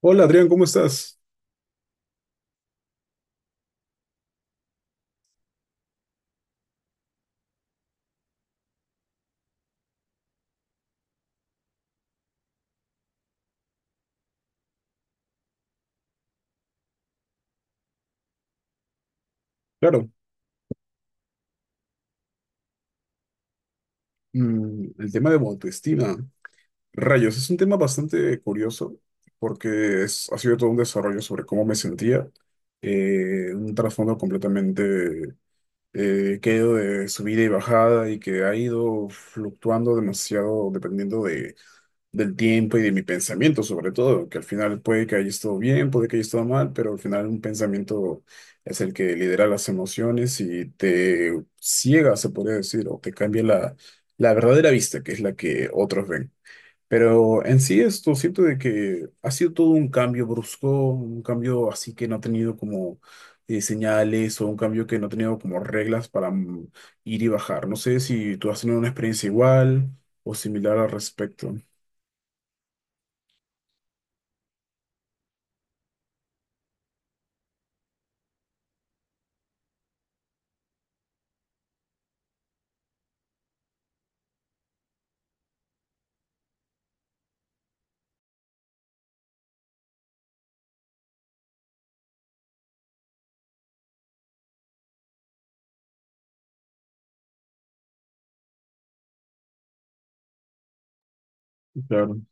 Hola Adrián, ¿cómo estás? Claro. El tema de autoestima, rayos, es un tema bastante curioso porque ha sido todo un desarrollo sobre cómo me sentía, un trasfondo completamente que ha ido de subida y bajada y que ha ido fluctuando demasiado dependiendo del tiempo y de mi pensamiento, sobre todo, que al final puede que haya estado bien, puede que haya estado mal, pero al final un pensamiento es el que lidera las emociones y te ciega, se podría decir, o te cambia la verdadera vista, que es la que otros ven. Pero en sí esto siento de que ha sido todo un cambio brusco, un cambio así que no ha tenido como señales o un cambio que no ha tenido como reglas para ir y bajar. ¿No sé si tú has tenido una experiencia igual o similar al respecto? Claro.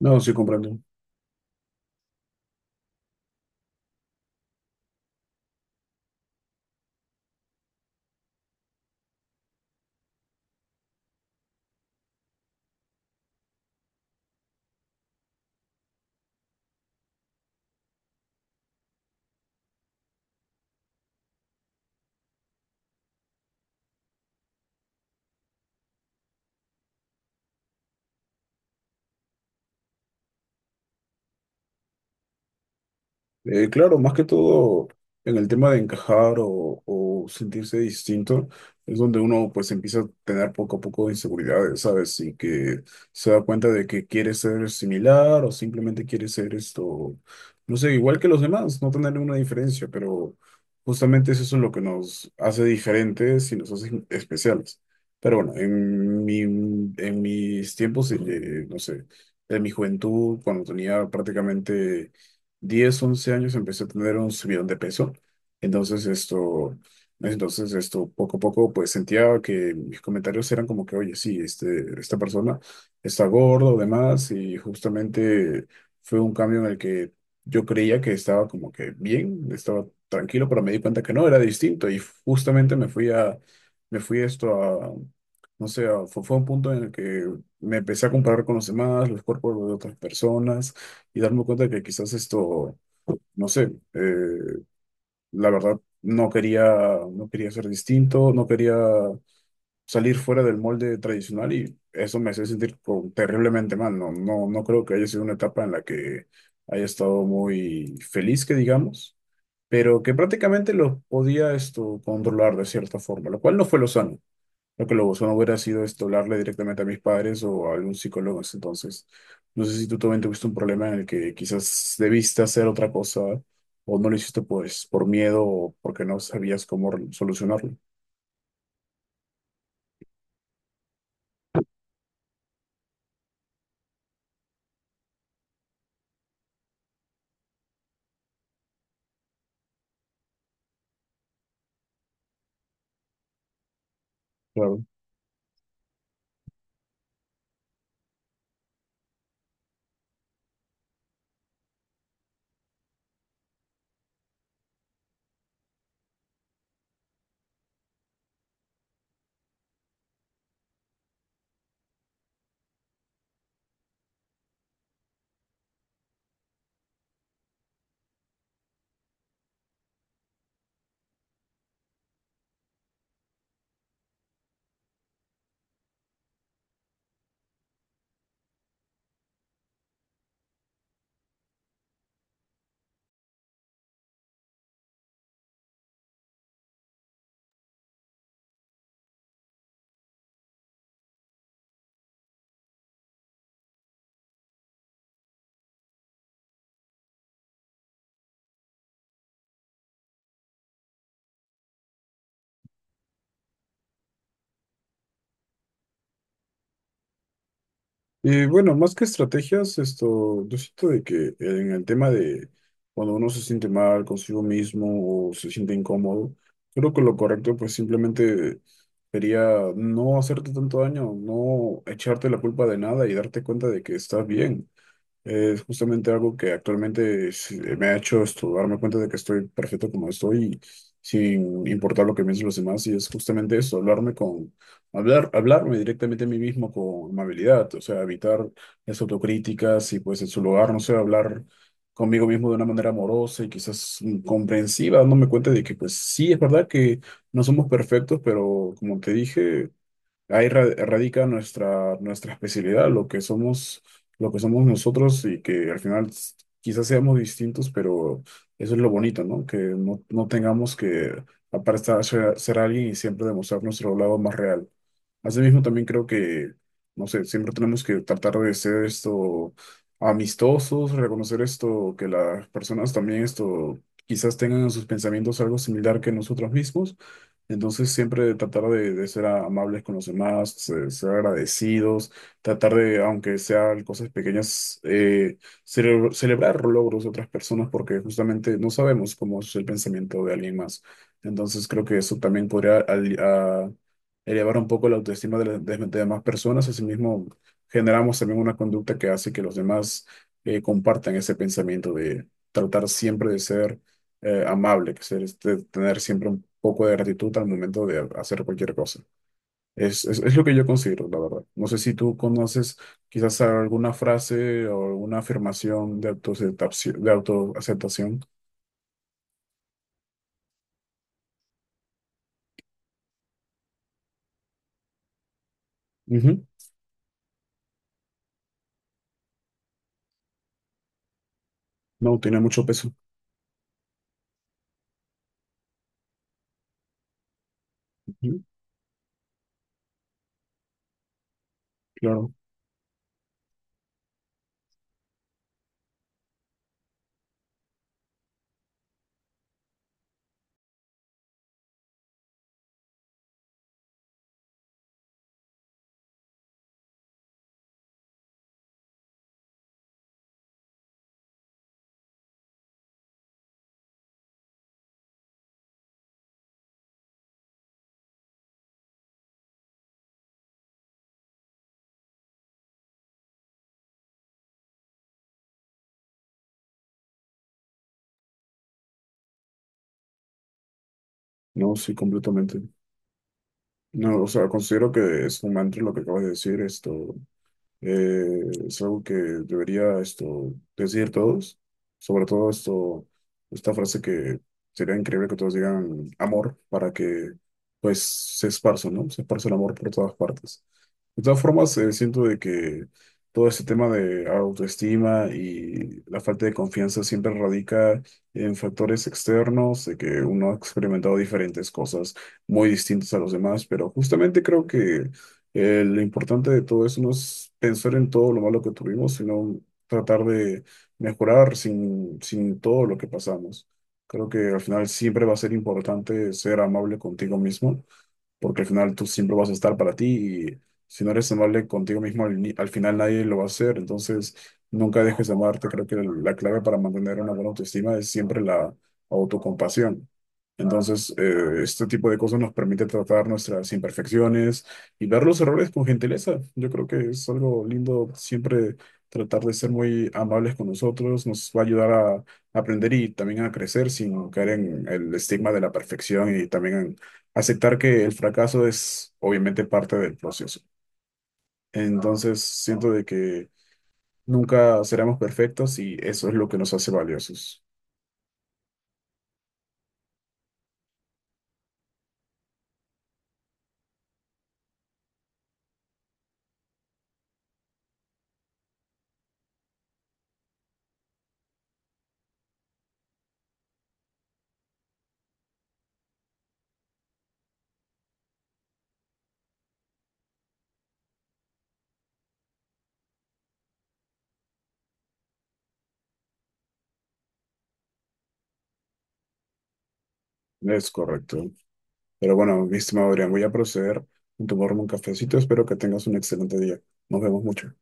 No, sí comprendo. Claro, más que todo en el tema de encajar o sentirse distinto, es donde uno pues empieza a tener poco a poco inseguridades, ¿sabes? Y que se da cuenta de que quiere ser similar o simplemente quiere ser esto, no sé, igual que los demás, no tener una diferencia, pero justamente eso es lo que nos hace diferentes y nos hace especiales. Pero bueno, en mis tiempos, no sé, en mi juventud, cuando tenía prácticamente 10 u 11 años empecé a tener un subidón de peso. Entonces esto, entonces esto poco a poco pues sentía que mis comentarios eran como que, oye, sí, este, esta persona está gordo o demás y justamente fue un cambio en el que yo creía que estaba como que bien, estaba tranquilo, pero me di cuenta que no, era distinto y justamente me fui a, me fui esto a, no sé, fue un punto en el que me empecé a comparar con los demás, los cuerpos de otras personas y darme cuenta de que quizás esto, no sé, la verdad no quería, no quería ser distinto, no quería salir fuera del molde tradicional y eso me hacía sentir como terriblemente mal. No creo que haya sido una etapa en la que haya estado muy feliz, que digamos, pero que prácticamente lo podía esto controlar de cierta forma, lo cual no fue lo sano. Lo que lo no hubiera sido esto, hablarle directamente a mis padres o a algún psicólogo. Entonces, no sé si tú también tuviste un problema en el que quizás debiste hacer otra cosa o no lo hiciste pues por miedo o porque no sabías cómo solucionarlo. Claro. Y bueno, más que estrategias, esto, yo siento de que en el tema de cuando uno se siente mal consigo mismo o se siente incómodo, creo que lo correcto pues simplemente sería no hacerte tanto daño, no echarte la culpa de nada y darte cuenta de que estás bien. Es justamente algo que actualmente me ha hecho darme cuenta de que estoy perfecto como estoy, sin importar lo que piensen los demás, y es justamente eso, hablarme directamente a mí mismo con amabilidad, o sea, evitar las autocríticas y pues en su lugar, no sé, hablar conmigo mismo de una manera amorosa y quizás comprensiva, dándome cuenta de que pues sí, es verdad que no somos perfectos, pero como te dije ahí radica nuestra especialidad, lo que somos nosotros y que al final quizás seamos distintos, pero eso es lo bonito, ¿no? Que no tengamos que aparentar ser alguien y siempre demostrar nuestro lado más real. Asimismo, también creo que, no sé, siempre tenemos que tratar de ser esto amistosos, reconocer esto, que las personas también esto quizás tengan en sus pensamientos algo similar que nosotros mismos. Entonces, siempre de ser amables con los demás, ser agradecidos, tratar de, aunque sean cosas pequeñas, celebrar logros de otras personas porque justamente no sabemos cómo es el pensamiento de alguien más. Entonces, creo que eso también podría aliviar elevar un poco la autoestima de las demás personas. Asimismo, generamos también una conducta que hace que los demás compartan ese pensamiento de tratar siempre de ser amable, que ser, este, tener siempre un poco de gratitud al momento de hacer cualquier cosa. Es lo que yo considero, la verdad. No sé si tú conoces quizás alguna frase o alguna afirmación de autoaceptación, de autoaceptación. Ujú. No, tiene mucho peso. Ujú. Claro, no, sí, completamente. No, o sea, considero que es un mantra lo que acabas de decir, esto eh, es algo que debería esto decir todos, sobre todo esto, esta frase que sería increíble que todos digan amor para que pues se esparza, ¿no? Se esparza el amor por todas partes. De todas formas, siento de que todo este tema de autoestima y la falta de confianza siempre radica en factores externos, de que uno ha experimentado diferentes cosas muy distintas a los demás, pero justamente creo que lo importante de todo eso no es pensar en todo lo malo que tuvimos, sino tratar de mejorar sin todo lo que pasamos. Creo que al final siempre va a ser importante ser amable contigo mismo porque al final tú siempre vas a estar para ti y si no eres amable contigo mismo, al final nadie lo va a hacer. Entonces, nunca dejes de amarte. Creo que la clave para mantener una buena autoestima es siempre la autocompasión. Entonces, este tipo de cosas nos permite tratar nuestras imperfecciones y ver los errores con gentileza. Yo creo que es algo lindo siempre tratar de ser muy amables con nosotros. Nos va a ayudar a aprender y también a crecer sin caer en el estigma de la perfección y también aceptar que el fracaso es obviamente parte del proceso. Entonces, siento de que nunca seremos perfectos y eso es lo que nos hace valiosos. Es correcto. Pero bueno, mi estimado Adrián, voy a proceder a tomarme un cafecito. Espero que tengas un excelente día. Nos vemos mucho.